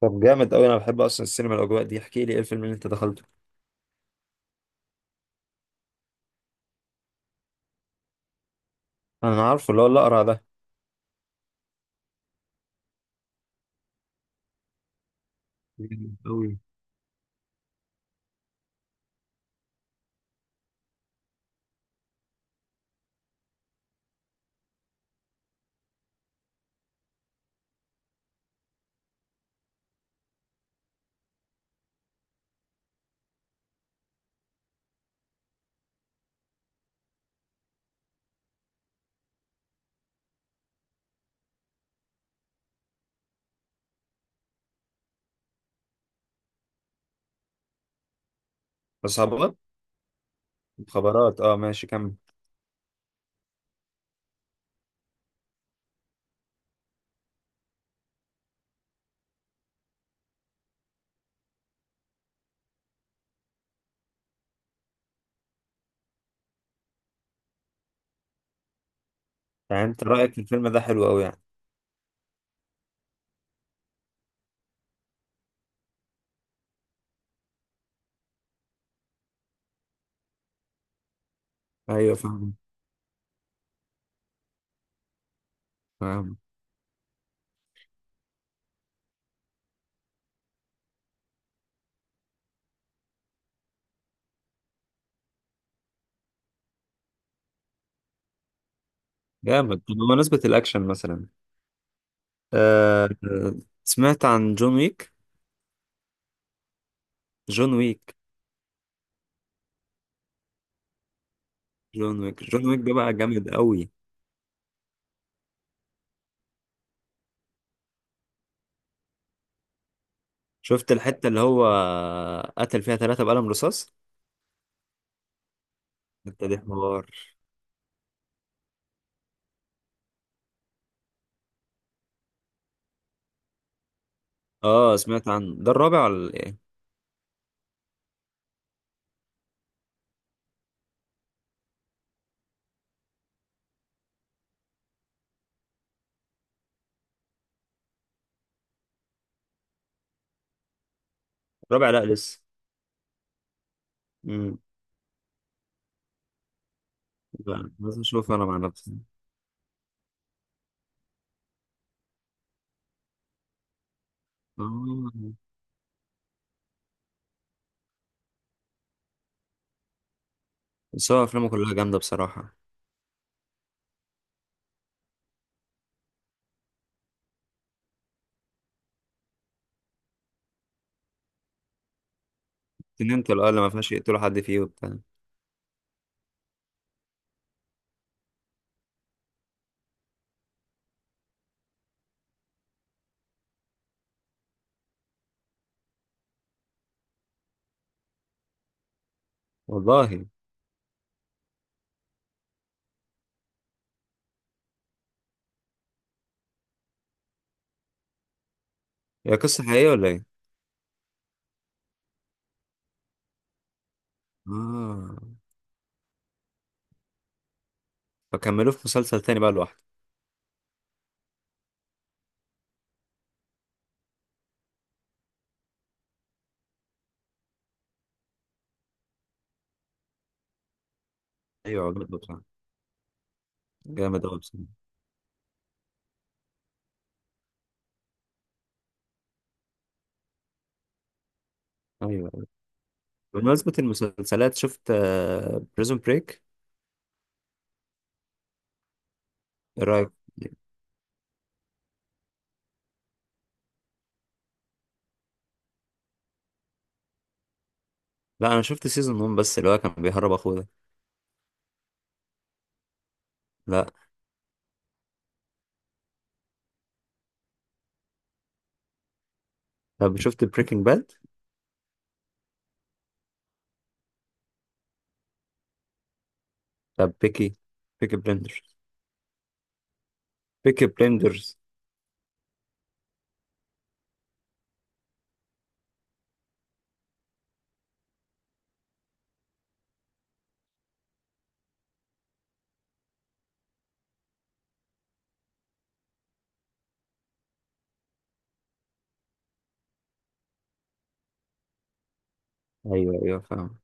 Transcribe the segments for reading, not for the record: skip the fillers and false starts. طب جامد قوي، انا بحب اصلا السينما، الاجواء دي. احكي لي ايه الفيلم اللي انت دخلته. انا عارفه اللي هو الاقرع ده. جامد قوي. اصحابات. مخابرات، اه ماشي كمل. يعني انت رايك في الفيلم ده حلو قوي يعني؟ ايوه فاهم. فاهم. جامد. طب بمناسبه الاكشن مثلا. آه آه، سمعت عن جون ويك. جون ويك. جون ويك. جون ويك ده بقى جامد قوي. شفت الحته اللي هو قتل فيها ثلاثه بقلم رصاص؟ انت دي حوار. اه سمعت عن ده الرابع ولا ايه؟ الرابع لا لسه. مم. لا بس اشوف انا مع نفسي. آه. بس هو افلامه كلها جامده بصراحه. تنمت الأه اللي ما فيهاش يقتلوا حد فيه وبتاع. والله. هي قصه حقيقيه ولا ايه؟ اه. فكملوه في مسلسل تاني بقى لوحده. ايوه عجبني بصراحه. جامد قوي بصراحه. ايوه بمناسبه المسلسلات، شفت بريزون بريك؟ ايه رايك؟ لا انا شفت سيزون 1 بس، اللي هو كان بيهرب اخوه ده. لا. طب شفت بريكنج باد؟ طب بيكي، بيكي بلندرز. بيكي بلندرز. ايوه ايوه فاهم.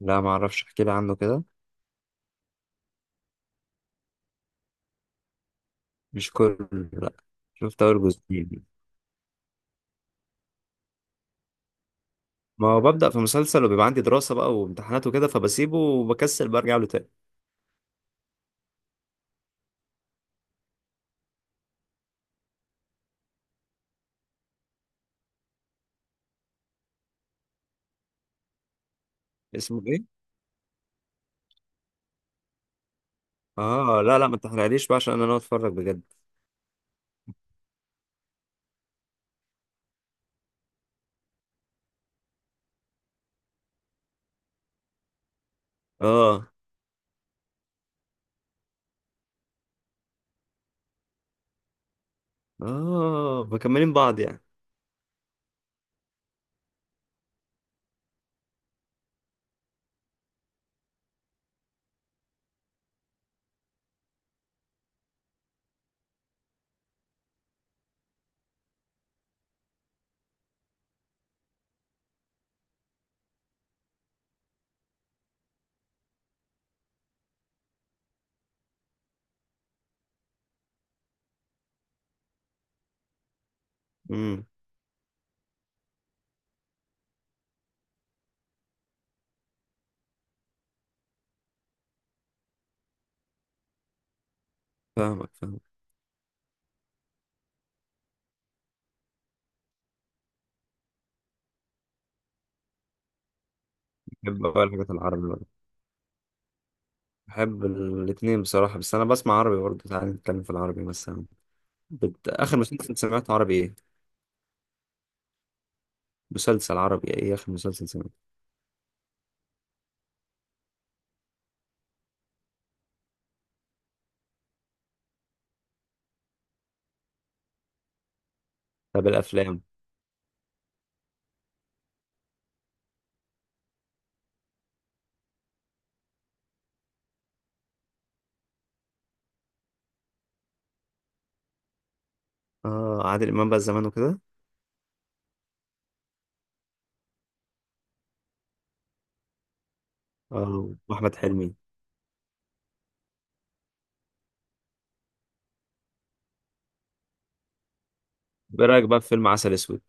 لا ما اعرفش، احكي لي عنه كده. مش كله، لا. شفت اول جزئين. ما هو ببدأ في مسلسل وبيبقى عندي دراسة بقى وامتحانات وكده فبسيبه وبكسل برجع له تاني. اسمه ايه؟ اه لا لا ما تحرقليش بقى عشان انا ناوي اتفرج بجد. اه اه مكملين بعض يعني. امم. فاهمك فاهمك. بحب بقى الحاجات العربي بقى. بحب الاتنين بصراحة، بس انا بسمع عربي برضه. تعالى نتكلم في العربي مثلا. اخر مسلسل سمعته عربي ايه؟ مسلسل عربي ايه اخر مسلسل سمعته؟ طب الافلام. اه عادل امام بقى زمان وكده. اه واحمد حلمي. ايه رايك بقى في فيلم عسل اسود؟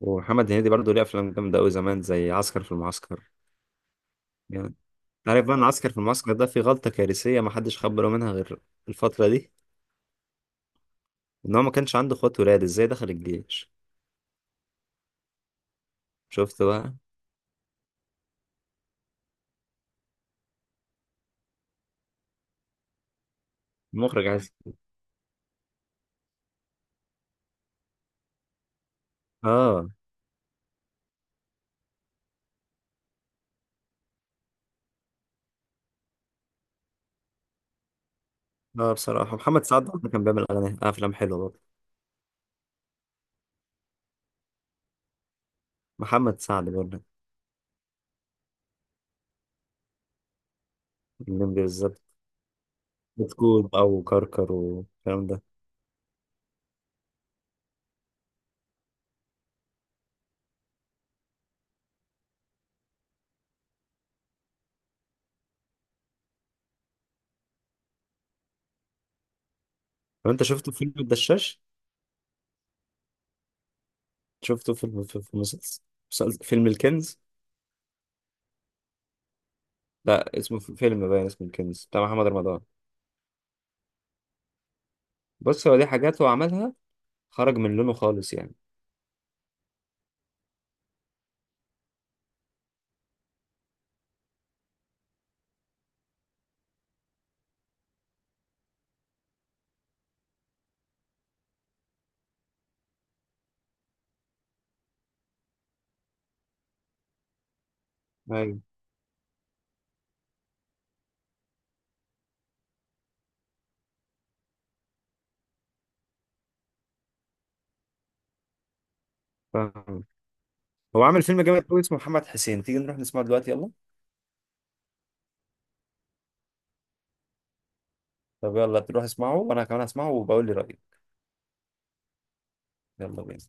ومحمد هنيدي برضه ليه افلام جامده قوي زمان، زي عسكر في المعسكر. يعني أنت عارف بقى ان عسكر في المعسكر ده في غلطه كارثيه ما حدش خد باله منها غير الفتره دي؟ ان هو ما كانش عنده اخوات ولاد، ازاي دخل الجيش؟ شفت بقى؟ المخرج عايز. اه اه بصراحه محمد سعد برضه كان بيعمل اغاني، افلام حلوه برضه. محمد سعد برضه. الليمبي بالظبط. بتكوت بقى وكركر والكلام ده. طب انت شفته في فيلم الدشاش؟ شفته في فيلم الكنز. لا اسمه في فيلم باين اسمه الكنز بتاع محمد رمضان. بص هو دي حاجات هو عملها. خرج من لونه خالص يعني. ايوه فاهم. هو عامل فيلم جامد قوي اسمه محمد حسين، تيجي نروح نسمعه دلوقتي يلا. طب يلا تروح اسمعه وانا كمان هسمعه وبقول لي رأيي. يلا بينا.